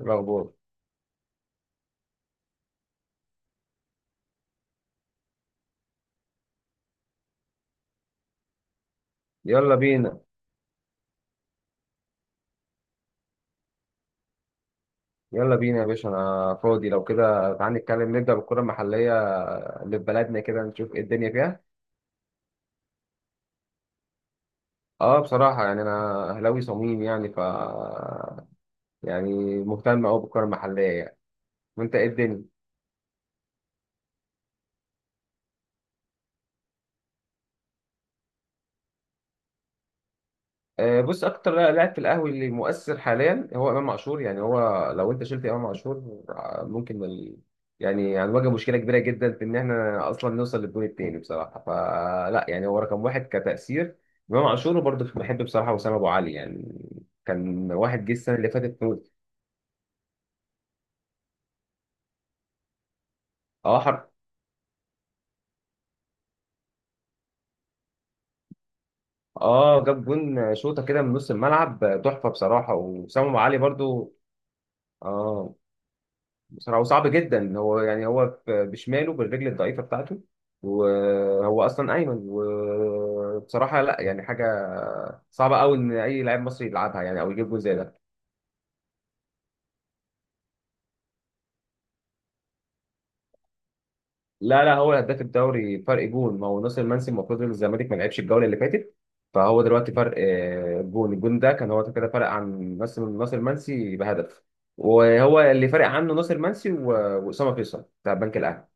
الأخبار. يلا بينا، يلا بينا يا باشا، أنا فاضي. لو كده تعالى نتكلم، نبدأ بالكرة المحلية اللي في بلدنا كده، نشوف إيه الدنيا فيها. أه بصراحة يعني أنا أهلاوي صميم، يعني ف يعني مهتم أوي بالكرة المحلية يعني. وأنت إيه الدنيا؟ بص، اكتر لاعب في القهوي اللي مؤثر حاليا هو امام عاشور. يعني هو لو انت شلت امام عاشور يعني هنواجه مشكله كبيره جدا في ان احنا اصلا نوصل للجون التاني بصراحه. فلا يعني هو رقم واحد كتاثير امام عاشور. وبرضه بحب بصراحه وسام ابو علي يعني، كان واحد جه السنه اللي فاتت موت. اه حر... اه، جاب جون شوطه كده من نص الملعب تحفه بصراحه. وسام ابو علي برضه، اه بصراحة هو صعب جدا. هو يعني هو بشماله بالرجل الضعيفة بتاعته، وهو أصلا أيمن. وبصراحة لا يعني حاجة صعبة أوي إن أي لاعب مصري يلعبها يعني أو يجيب جول زي ده. لا هو هداف الدوري، فرق جون ما هو ناصر منسي، المفروض إن الزمالك ما لعبش الجولة اللي فاتت. فهو دلوقتي فرق جون، الجون ده كان هو كده فرق عن ناصر، ناصر منسي بهدف. وهو اللي فرق عنه ناصر منسي وأسامة فيصل بتاع البنك الأهلي.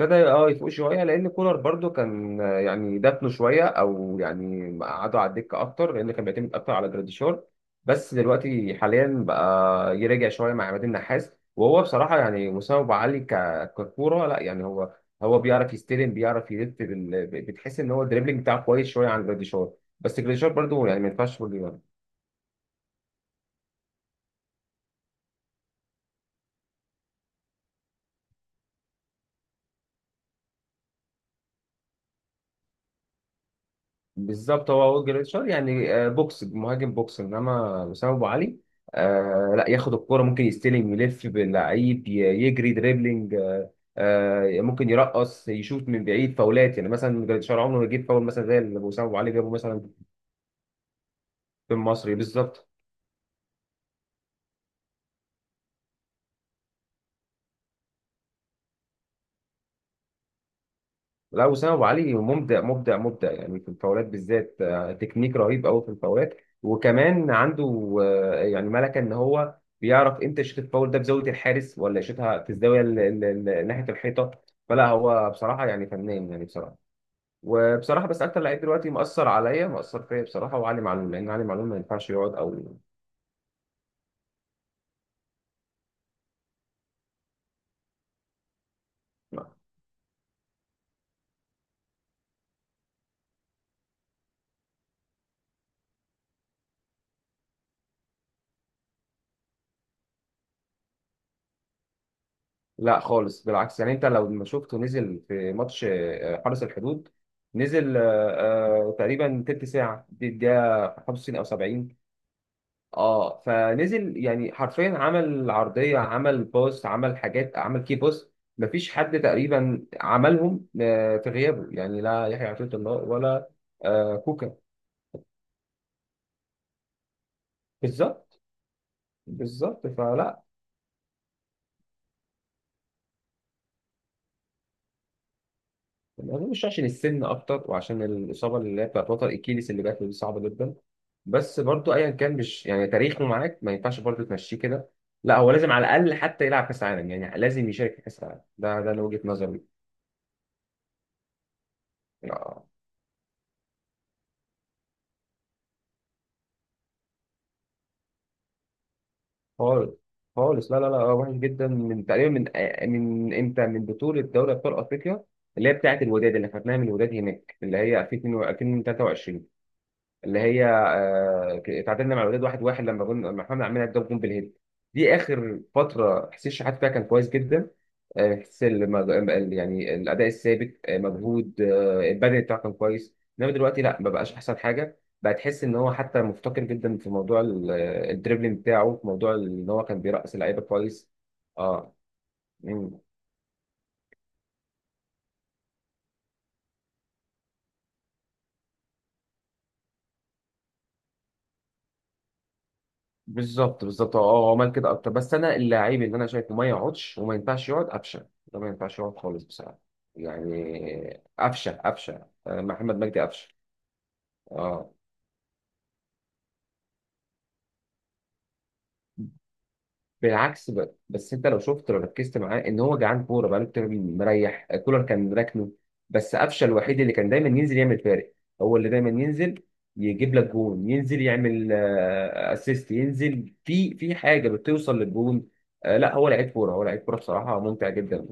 ابتدى اه يفوق شويه، لان كولر برضو كان يعني دفنه شويه او يعني قعدوا على الدكه اكتر، لان كان بيعتمد اكتر على جراديشار. بس دلوقتي حاليا بقى يرجع شويه مع عماد النحاس، وهو بصراحه يعني مستوى أبو علي ككوره لا يعني، هو هو بيعرف يستلم، بيعرف يلف بتحس ان هو الدريبلينج بتاعه كويس شويه عن جراديشار. بس جراديشار برضو يعني ما ينفعش. بالظبط، هو جريتشار يعني بوكس مهاجم بوكس، انما وسام ابو علي آه لا، ياخد الكرة ممكن يستلم، يلف باللعيب، يجري دريبلينج آه، آه ممكن يرقص، يشوط من بعيد، فاولات. يعني مثلا جريتشار عمره ما يجيب فاول مثلا زي اللي وسام ابو علي جابه مثلا في المصري بالظبط. لا، وسام ابو علي مبدع مبدع يعني في الفاولات بالذات تكنيك رهيب قوي في الفاولات. وكمان عنده يعني ملكه، ان هو بيعرف امتى يشوط الفاول ده بزاويه الحارس، ولا يشوطها في الزاويه ناحيه الحيطه. فلا هو بصراحه يعني فنان يعني بصراحه. وبصراحه بس اكتر لعيب دلوقتي مأثر عليا، مأثر فيا بصراحه، وعلي معلول، لان علي معلول ما ينفعش يقعد او لا خالص، بالعكس. يعني انت لو ما شفته نزل في ماتش حرس الحدود، نزل تقريبا تلت ساعة، دي الدقيقة 65 أو 70. اه فنزل، يعني حرفيا عمل عرضية، عمل باص، عمل حاجات، عمل كي باص. مفيش حد تقريبا عملهم في غيابه، يعني لا يحيى عطية الله ولا كوكا. بالظبط، بالظبط فلا، ما اظنش عشان السن اكتر، وعشان الاصابه اللي هي بتاعت وتر الاكيليس اللي جات له دي صعبه جدا. بس برضو ايا كان، مش يعني تاريخه معاك ما ينفعش برضو تمشيه كده. لا، هو لازم على الاقل حتى يلعب كاس عالم، يعني لازم يشارك في كاس العالم ده، ده أنا وجهه نظري. لا، خالص، خالص، لا وحش جدا من تقريبا من من امتى، من بطوله دوري ابطال افريقيا اللي هي بتاعت الوداد، اللي خدناها من الوداد هناك، اللي هي 2022، اللي هي اتعادلنا مع الوداد واحد واحد لما جون، لما احنا عملنا الجون بالهيد. دي اخر فتره حسين شحات فيها كان كويس جدا يعني الاداء الثابت مجهود البدني بتاعه كان كويس. انما دلوقتي لا، ما بقاش احسن حاجه، بقى تحس ان هو حتى مفتقر جدا في موضوع الدريبلينج بتاعه، في موضوع ان هو كان بيرقص اللعيبه كويس. اه. مم. بالظبط، بالظبط، اه هو عمل كده اكتر، بس انا اللعيب اللي انا شايفه ما يقعدش وما ينفعش يقعد قفشه. ده ما ينفعش يقعد خالص بصراحه، يعني قفشه. محمد مجدي قفشه. اه بالعكس، بس انت لو شفت، لو ركزت معاه ان هو جعان كوره بقاله كتير، مريح. كولر كان راكنه، بس قفشه الوحيد اللي كان دايما ينزل يعمل فارق، هو اللي دايما ينزل يجيب لك جون، ينزل يعمل اسيست، ينزل في في حاجه بتوصل للجون. لا هو لعيب كوره، هو لعيب كوره بصراحه ممتع جدا.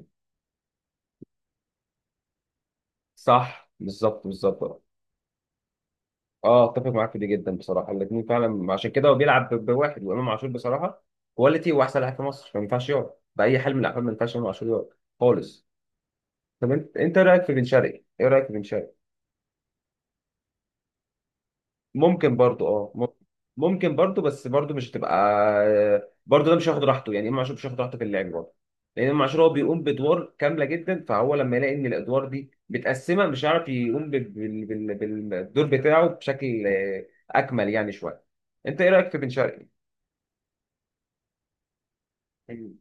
صح، بالظبط، بالظبط. اه، اتفق معاك في دي جدا بصراحه، الاثنين فعلا عشان كده. هو بيلعب بواحد، وامام عاشور بصراحه كواليتي، واحسن لاعب في مصر، فما ينفعش يقعد باي حال من الاحوال. ما ينفعش امام عاشور يقعد خالص. طب انت، انت إيه رايك في بن شرقي؟ ايه رايك في بن شرقي؟ ممكن برضو اه ممكن برضو، بس برضو مش هتبقى، برضو ده مش هياخد راحته. يعني امام عاشور مش هياخد راحته في اللعب برضه، لان امام عاشور هو بيقوم بادوار كامله جدا، فهو لما يلاقي ان الادوار دي متقسمه مش هيعرف يقوم بالدور بتاعه بشكل اكمل يعني شويه. انت ايه رايك في بن شرقي؟ حلو.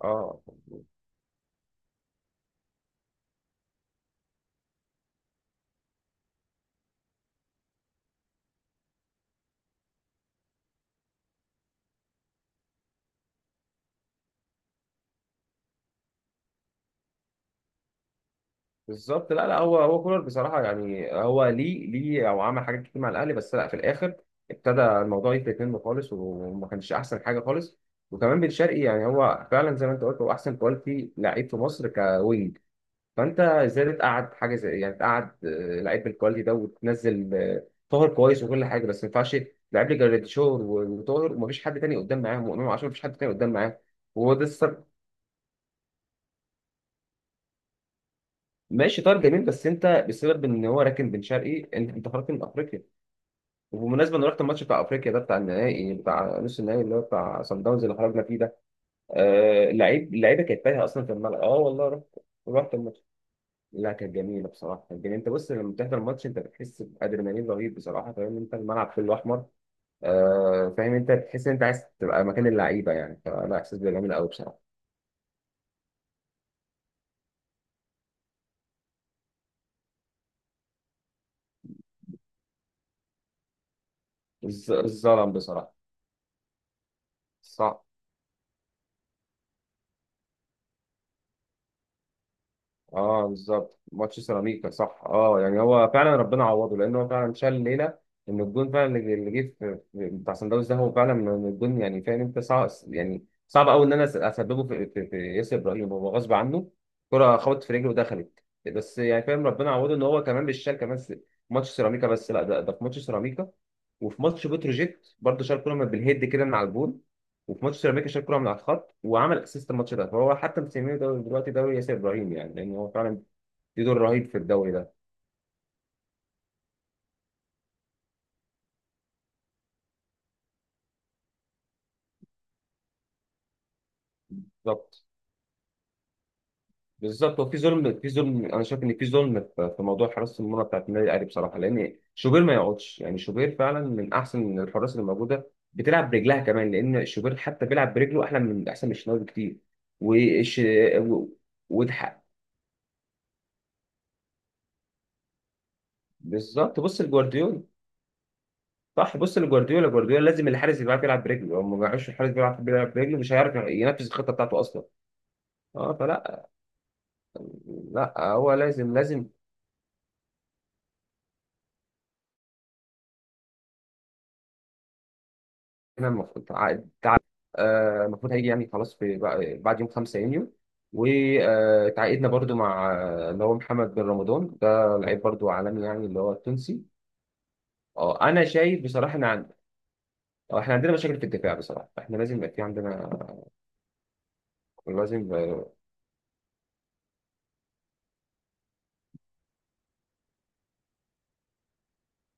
اه بالظبط. لا لا، هو كولر بصراحه يعني هو ليه، ليه او عمل حاجات كتير مع الاهلي، بس لا في الاخر ابتدى الموضوع يفلت منه خالص، وما كانش احسن حاجه خالص. وكمان بن شرقي يعني هو فعلا زي ما انت قلت هو احسن كواليتي لعيب في مصر كوينج، فانت ازاي تقعد حاجه زي، يعني تقعد لعيب بالكواليتي ده، وتنزل طاهر كويس وكل حاجه، بس ما ينفعش. لعيب لي جراديشور وطاهر، ومفيش حد تاني قدام معاهم، وامام عاشور مفيش حد تاني قدام معاهم، وهو ده السبب. ماشي، طاهر جميل، بس انت بسبب ان هو راكن بن شرقي انت، انت خرجت من افريقيا. وبمناسبة أنا رحت الماتش بتاع أفريقيا ده، بتاع النهائي، بتاع نص النهائي اللي هو بتاع صن داونز اللي خرجنا فيه ده، آه اللعيب، اللعيبة كانت تايهة أصلا في الملعب. أه والله رحت، رحت الماتش. لا كانت جميلة بصراحة، كانت جميلة. أنت بص لما بتحضر الماتش أنت بتحس بأدرينالين رهيب بصراحة. فاهم أنت، الملعب كله أحمر آه، فاهم أنت، بتحس إن أنت عايز تبقى مكان اللعيبة يعني. فلا إحساس جميل أوي بصراحة. الظلم بصراحة، صح. اه بالظبط، ماتش سيراميكا صح. اه يعني هو فعلا ربنا عوضه، لان هو فعلا شال ليله ان الجون فعلا اللي اللي جه في بتاع سان داونز ده، هو فعلا من الجون يعني. فاهم انت، صعب يعني، صعب قوي ان انا اسببه في ياسر ابراهيم. هو غصب عنه كرة خبطت في رجله ودخلت. بس يعني فاهم، ربنا عوضه ان هو كمان مش شال كمان ماتش سيراميكا. بس لا ده، في ماتش سيراميكا وفي ماتش بتروجيت برضه شال كرة من بالهيد كده من على الجون. وفي ماتش سيراميكا شال كوره من على الخط وعمل اسيست الماتش ده. فهو حتى مسميه دلوقتي دوري ياسر ابراهيم، يعني لان هو فعلا ليه دور رهيب في الدوري ده. بالظبط، بالظبط، وفي ظلم، في ظلم، انا شايف ان في ظلم في في موضوع حراسه المرمى بتاعت النادي الاهلي بصراحه، لان شوبير ما يقعدش. يعني شوبير فعلا من احسن الحراس اللي موجوده، بتلعب برجلها كمان، لان شوبير حتى بيلعب برجله احلى، من احسن من الشناوي بكتير. وش و... وده بالظبط، بص لجوارديولا. صح، بص لجوارديولا، جوارديولا لازم الحارس يبقى عارف يلعب برجله. لو ما بيعرفش الحارس بيلعب، برجله مش هيعرف ينفذ الخطه بتاعته اصلا. اه فلا، لا هو لازم. احنا المفروض المفروض هيجي يعني خلاص في بعد يوم 5 يونيو. وتعاقدنا برضو مع اللي هو محمد بن رمضان ده، لعيب برضو عالمي يعني، اللي هو التونسي. اه انا شايف بصراحه ان احنا عندنا مشاكل في الدفاع بصراحه، احنا لازم يبقى في عندنا. لازم.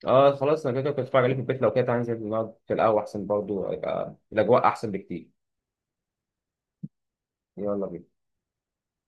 اه خلاص، انا كده كده كنت اتفرج عليه في البيت. لو كده تعالى ننزل نقعد في القهوة احسن، برضو يبقى الاجواء احسن بكتير. يلا بينا.